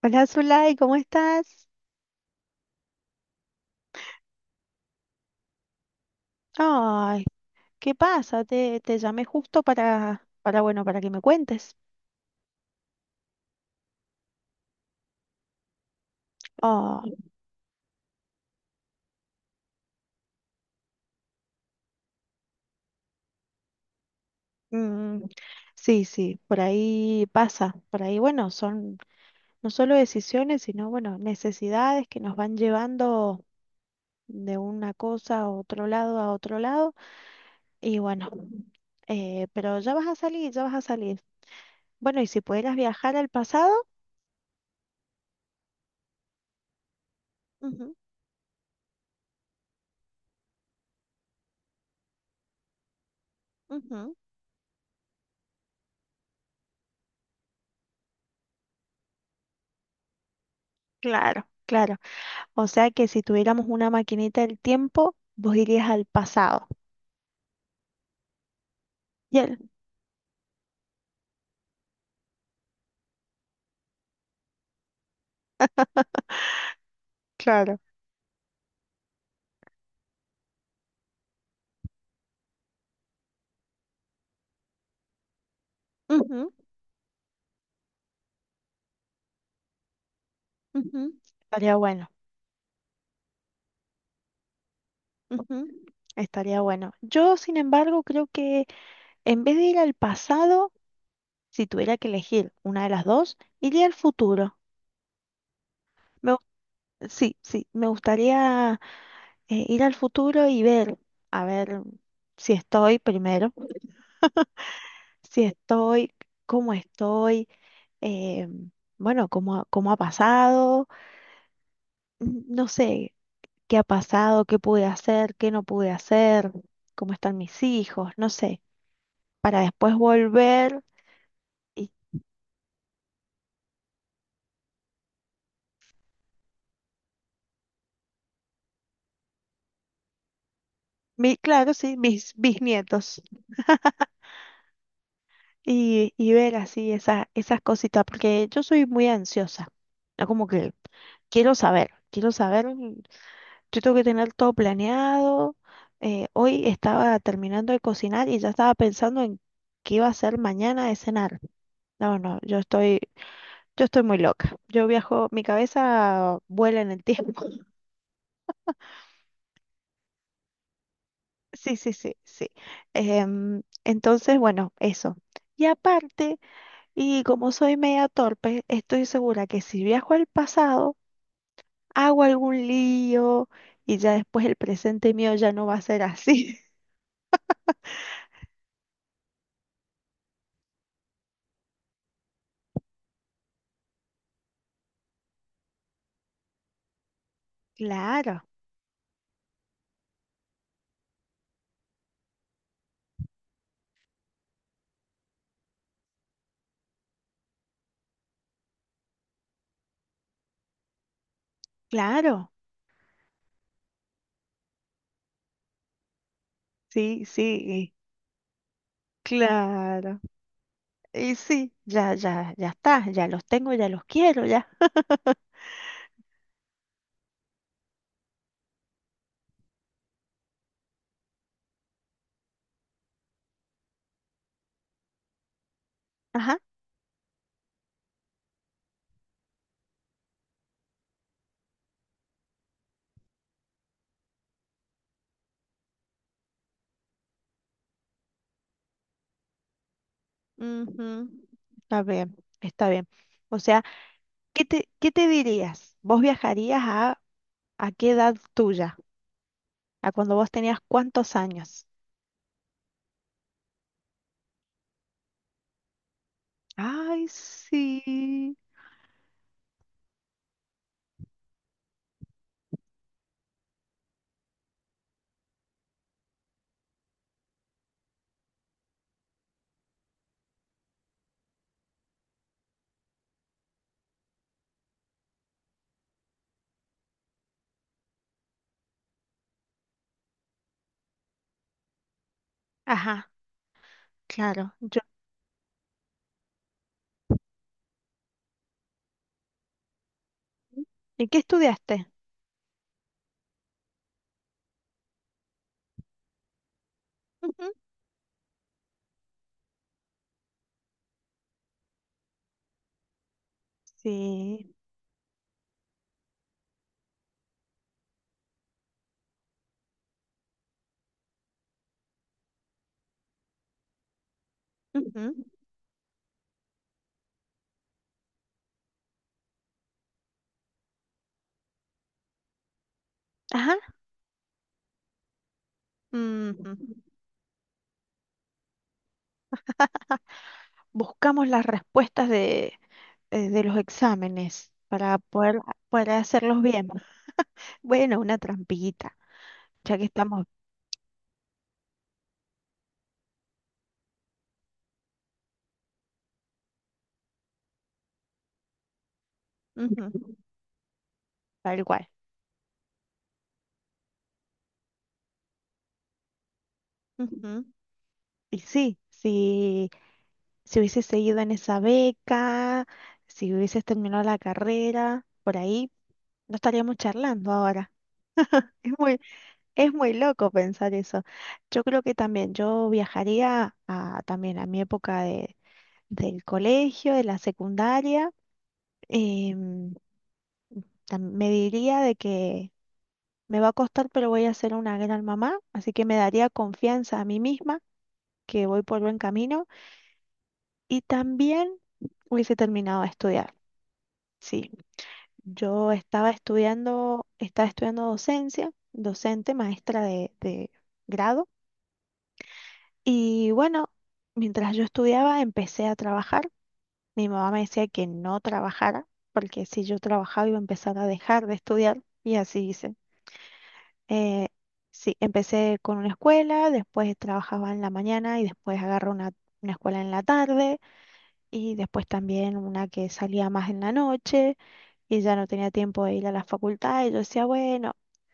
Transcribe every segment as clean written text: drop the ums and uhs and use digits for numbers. Hola Zulay, ¿cómo estás? Ay, ¿qué pasa? Te llamé justo para que me cuentes. Ah, mm, sí, sí, por ahí pasa. Por ahí, bueno, son no solo decisiones, sino, bueno, necesidades que nos van llevando de una cosa a otro lado, a otro lado. Y bueno, pero ya vas a salir, ya vas a salir. Bueno, y si pudieras viajar al pasado, ujú, ujú, claro, claro. O sea que si tuviéramos una maquinita del tiempo, vos irías al pasado. Y él, claro. Ujú, ujú, estaría bueno. Ujú, estaría bueno. Yo, sin embargo, creo que en vez de ir al pasado, si tuviera que elegir una de las dos, iría al futuro. Me gu- sí, sí, me gustaría ir al futuro y ver, a ver si estoy primero, si estoy, cómo estoy, eh, bueno, cómo, cómo ha pasado. No sé, qué ha pasado, qué pude hacer, qué no pude hacer, cómo están mis hijos, no sé, para después volver y, mi, claro, sí, mis bisnietos y ver así esa, esas cositas, porque yo soy muy ansiosa, ¿no? Como que quiero saber, mm, yo tengo que tener todo planeado, hoy estaba terminando de cocinar y ya estaba pensando en qué iba a hacer mañana de cenar. No, no, yo estoy... Yo estoy muy loca. Yo viajo, mi cabeza vuela en el tiempo. Sí, sí, sí, sí. Entonces, bueno, eso. Y aparte, y como soy media torpe, estoy segura que si viajo al pasado, hago algún lío y ya después el presente mío ya no va a ser así. Claro, claro. Sí, sí, claro. Y sí, ya, ya, ya está. Ya los tengo, ya los quiero, ya. Ajá. Ujú, está bien, está bien. O sea, ¿qué te dirías? ¿Vos viajarías a ¿A qué edad tuya? ¿A cuando vos tenías cuántos años? Ay, sí. Ajá, claro. Yo. ¿Y qué estudiaste? Ujú. Sí. Ujú. Ajá. Ujú. Buscamos las respuestas de los exámenes poder hacerlos bien. Bueno, una trampita, ya que estamos ujú, tal cual. Ujú. Y sí, sí. Si hubieses seguido en esa beca, si hubieses terminado la carrera, por ahí no estaríamos charlando ahora. Es muy, es muy loco pensar eso. Yo creo que también yo viajaría a, también a mi época de, del colegio, de la secundaria. em, Me diría de que me va a costar, pero voy a ser una gran mamá, así que me daría confianza a mí misma que voy por buen camino y también hubiese terminado de estudiar. Sí. Yo estaba estudiando docencia, docente, maestra de grado. Y bueno, mientras yo estudiaba, empecé a trabajar. Mi mamá me decía que no trabajara, porque si yo trabajaba iba a empezar a dejar de estudiar. Y así hice. Eh, sí, empecé con una escuela, después trabajaba en la mañana y después agarré una escuela en la tarde y después también una que salía más en la noche. Y ya no tenía tiempo de ir a la facultad y yo decía, bueno,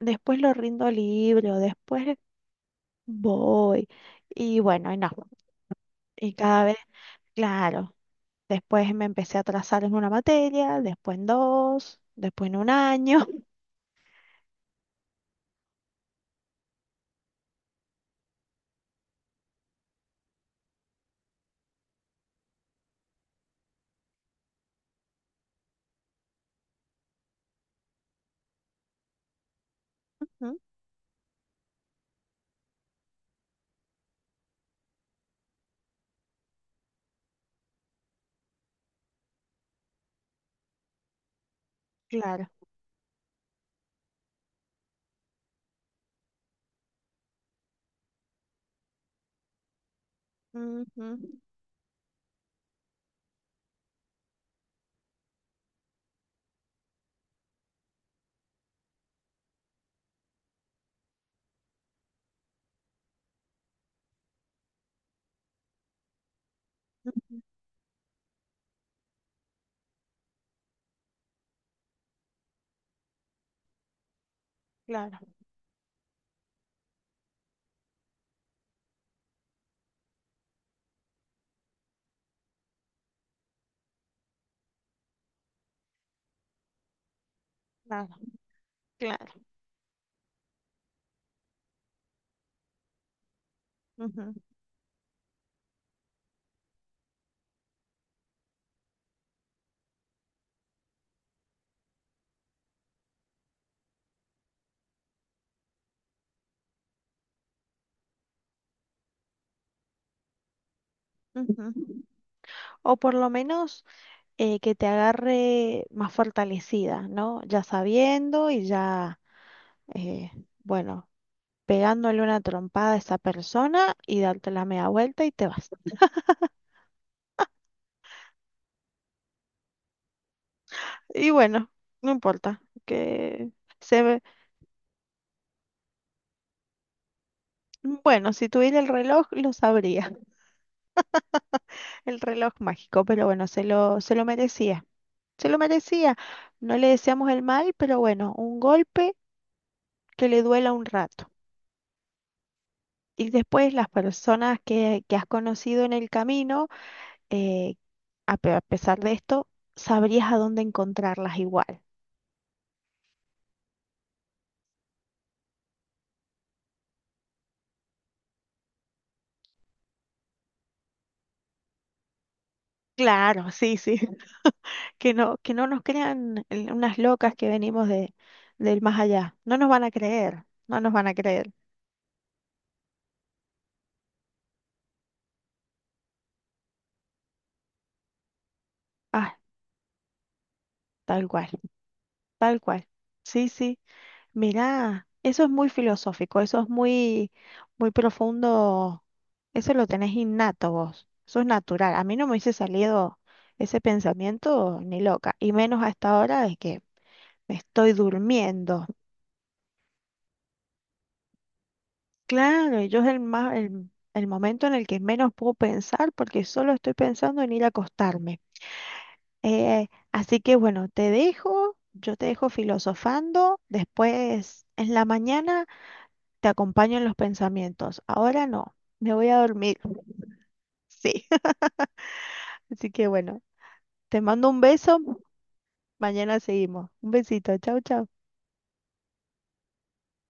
después lo rindo libre o después voy. Y bueno, y no. Y cada vez, claro, después me empecé a atrasar en una materia, después en dos, después en un año. Ujú, claro. Ujú, ujú, claro, claro, claro. Ujú, ujú. O por lo menos que te agarre más fortalecida, ¿no? Ya sabiendo y ya, eh, bueno, pegándole una trompada a esa persona y darte la media vuelta y te vas. Y bueno, no importa, que se ve... Bueno, si tuviera el reloj, lo sabría, el reloj mágico, pero bueno, se lo merecía, se lo merecía. No le deseamos el mal, pero bueno, un golpe que le duela un rato. Y después las personas que has conocido en el camino, eh, a pesar de esto, sabrías a dónde encontrarlas igual. Claro, sí, sí. Que no, que no nos crean unas locas que venimos de, del más allá. No nos van a creer, no nos van a creer. Ah, tal cual, tal cual. Sí, sí. Mirá, eso es muy filosófico, eso es muy, muy profundo. Eso lo tenés innato vos, eso es natural. A mí no me hubiese salido ese pensamiento ni loca, y menos a esta hora de que me estoy durmiendo. Claro, y yo es el más, el momento en el que menos puedo pensar porque solo estoy pensando en ir a acostarme. Así que bueno, te dejo, yo te dejo filosofando, después en la mañana te acompaño en los pensamientos. Ahora no, me voy a dormir. Sí, así que bueno, te mando un beso, mañana seguimos. Un besito, chau, chau.